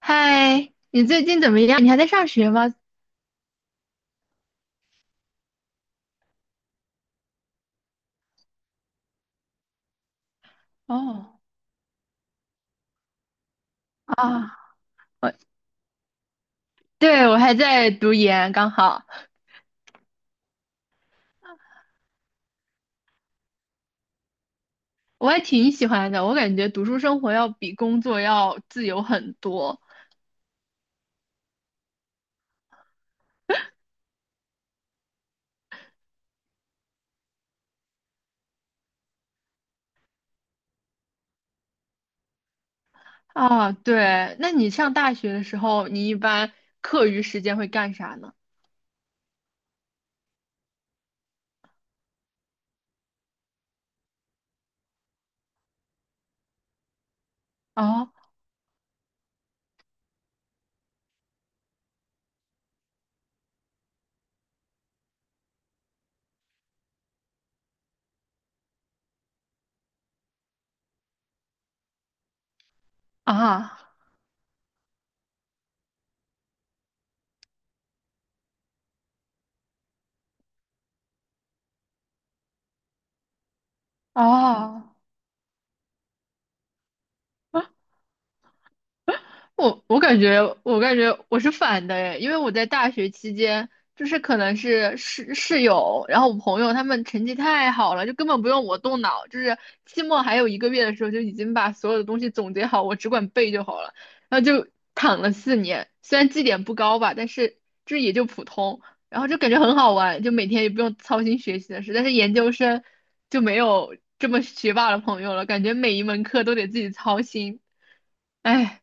嗨，你最近怎么样？你还在上学吗？哦，啊，我，对，我还在读研，刚好。我还挺喜欢的。我感觉读书生活要比工作要自由很多。啊。对，那你上大学的时候，你一般课余时间会干啥呢？哦，啊，哦，我感觉，我是反的诶。因为我在大学期间，就是可能是室友，然后我朋友他们成绩太好了，就根本不用我动脑，就是期末还有一个月的时候，就已经把所有的东西总结好，我只管背就好了，然后就躺了4年。虽然绩点不高吧，但是就是也就普通。然后就感觉很好玩，就每天也不用操心学习的事，但是研究生就没有这么学霸的朋友了，感觉每一门课都得自己操心，哎。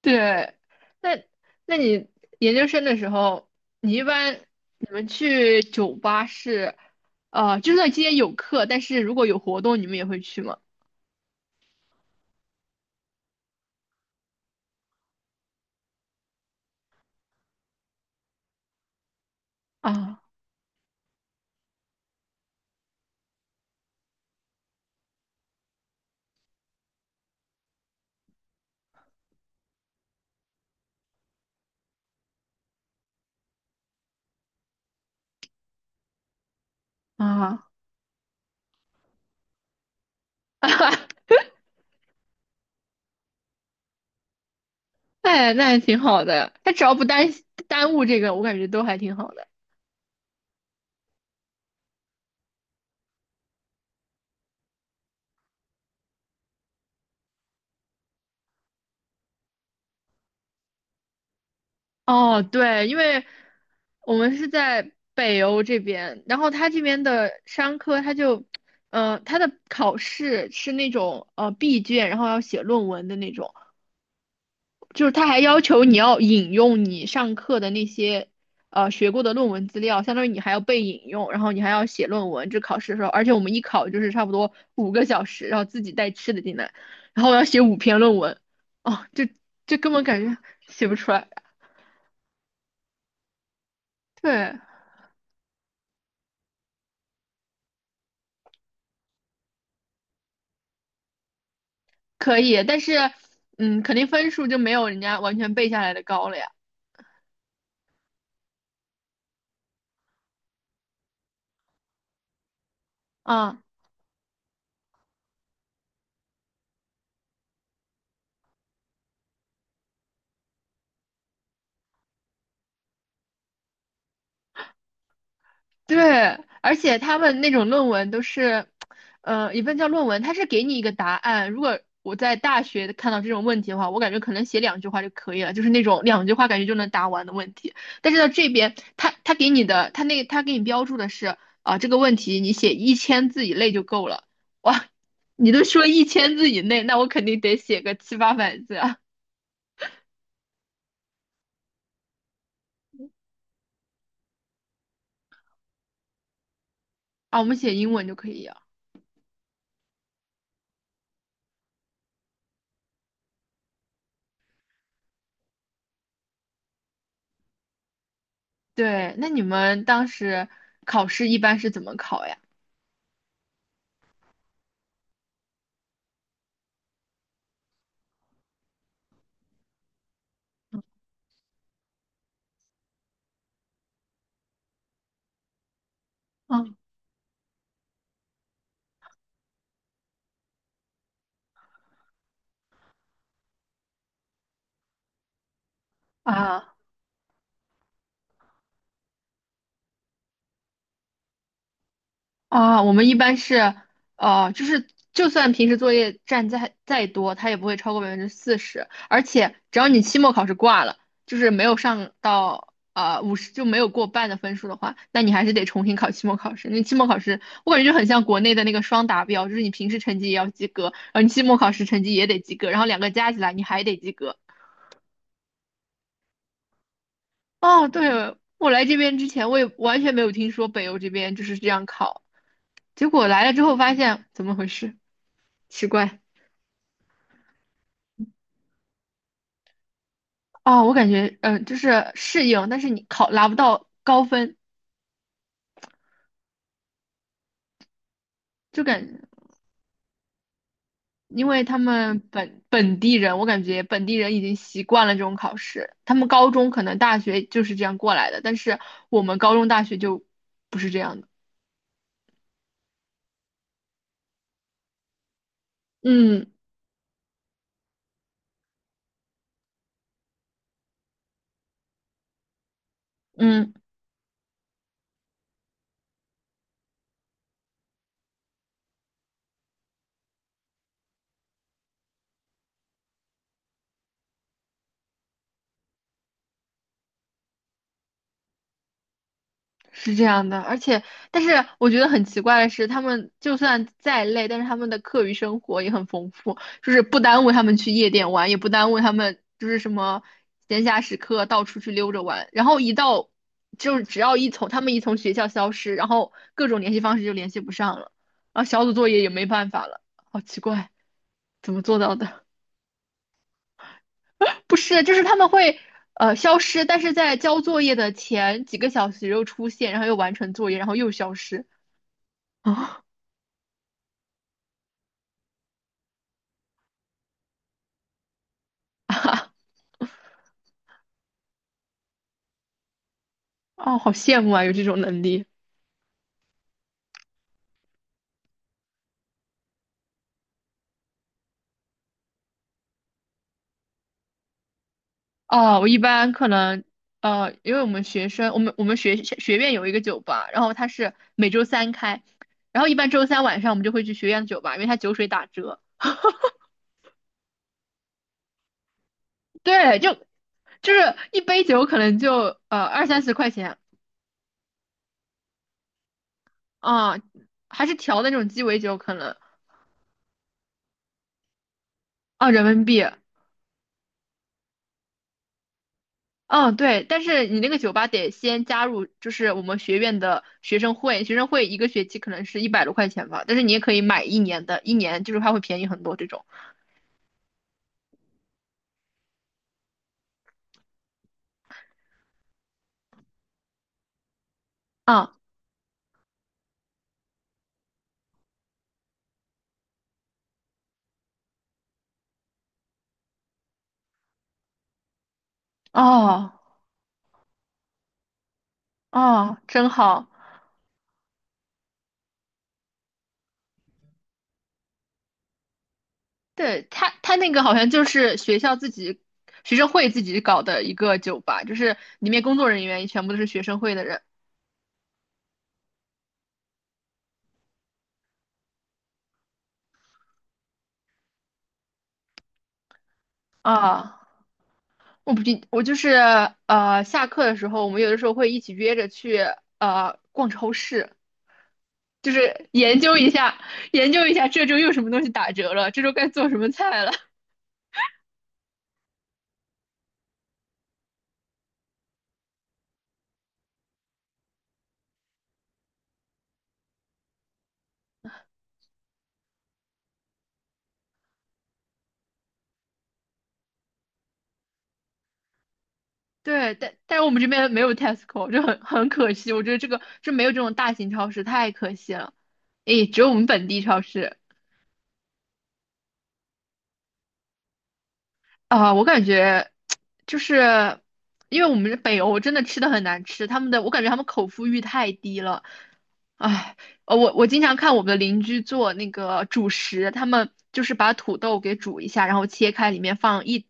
对，那那你研究生的时候，你一般你们去酒吧是，就算今天有课，但是如果有活动，你们也会去吗？啊啊，哎，那还挺好的，他只要不耽误这个，我感觉都还挺好的。哦，对，因为我们是在北欧这边，然后他这边的商科，他就，他的考试是那种闭卷，然后要写论文的那种。就是他还要求你要引用你上课的那些学过的论文资料，相当于你还要被引用，然后你还要写论文。这考试的时候，而且我们一考就是差不多5个小时，然后自己带吃的进来，然后我要写5篇论文。哦，这根本感觉写不出来。对，可以，但是肯定分数就没有人家完全背下来的高了呀。啊。对，而且他们那种论文都是，也不能叫论文，他是给你一个答案。如果我在大学看到这种问题的话，我感觉可能写两句话就可以了，就是那种两句话感觉就能答完的问题。但是到这边，他给你的，他给你标注的是啊，这个问题你写一千字以内就够了。哇，你都说一千字以内，那我肯定得写个七八百字啊。啊，我们写英文就可以啊。对，那你们当时考试一般是怎么考呀？嗯啊。啊，我们一般是，就是就算平时作业占再多，它也不会超过40%，而且只要你期末考试挂了，就是没有上到50就没有过半的分数的话，那你还是得重新考期末考试。那期末考试我感觉就很像国内的那个双达标，就是你平时成绩也要及格，然后你期末考试成绩也得及格，然后两个加起来你还得及格。哦，对，我来这边之前我也完全没有听说北欧这边就是这样考，结果来了之后发现怎么回事，奇怪。哦，我感觉，就是适应，但是你考拿不到高分，就感觉因为他们本地人，我感觉本地人已经习惯了这种考试，他们高中可能大学就是这样过来的，但是我们高中大学就不是这样的。嗯嗯，是这样的。而且，但是我觉得很奇怪的是，他们就算再累，但是他们的课余生活也很丰富，就是不耽误他们去夜店玩，也不耽误他们就是什么闲暇时刻到处去溜着玩。然后一到，就是只要一从他们一从学校消失，然后各种联系方式就联系不上了，然后小组作业也没办法了，好奇怪，怎么做到的？不是，就是他们会。消失，但是在交作业的前几个小时又出现，然后又完成作业，然后又消失。哦，好羡慕啊，有这种能力。哦，我一般可能，因为我们学生，我们学院有一个酒吧，然后它是每周三开，然后一般周三晚上我们就会去学院的酒吧，因为它酒水打折。对，就是一杯酒可能就二三十块钱啊，还是调的那种鸡尾酒可能。啊人民币。嗯，对，但是你那个酒吧得先加入，就是我们学院的学生会，学生会一个学期可能是100多块钱吧，但是你也可以买一年的，一年就是它会便宜很多这种。啊，哦哦，真好。对，他他那个好像就是学校自己学生会自己搞的一个酒吧，就是里面工作人员全部都是学生会的人。啊，我不记，我就是，下课的时候，我们有的时候会一起约着去逛超市。就是研究一下这周又什么东西打折了，这周该做什么菜了。对，但是我们这边没有 Tesco，就很可惜。我觉得这个就没有这种大型超市，太可惜了。诶，只有我们本地超市。啊，我感觉就是因为我们北欧真的吃的很难吃，他们的我感觉他们口腹欲太低了。哎，我经常看我们的邻居做那个主食，他们就是把土豆给煮一下，然后切开，里面放一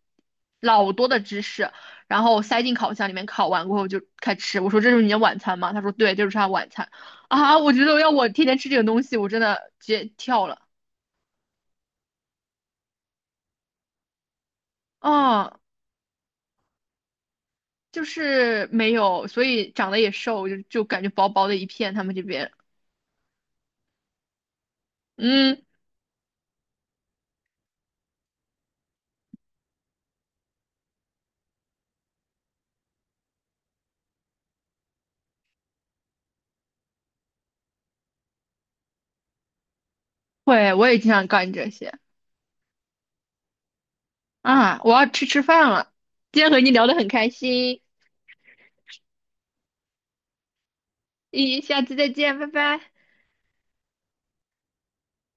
老多的芝士，然后塞进烤箱里面烤完过后就开吃。我说这是你的晚餐吗？他说对，这就是他晚餐。啊，我觉得要我天天吃这个东西，我真的直接跳了。啊，就是没有，所以长得也瘦，就感觉薄薄的一片。他们这边，嗯，会，我也经常干这些啊。我要去吃饭了。今天和你聊得很开心。咦，下次再见，拜拜。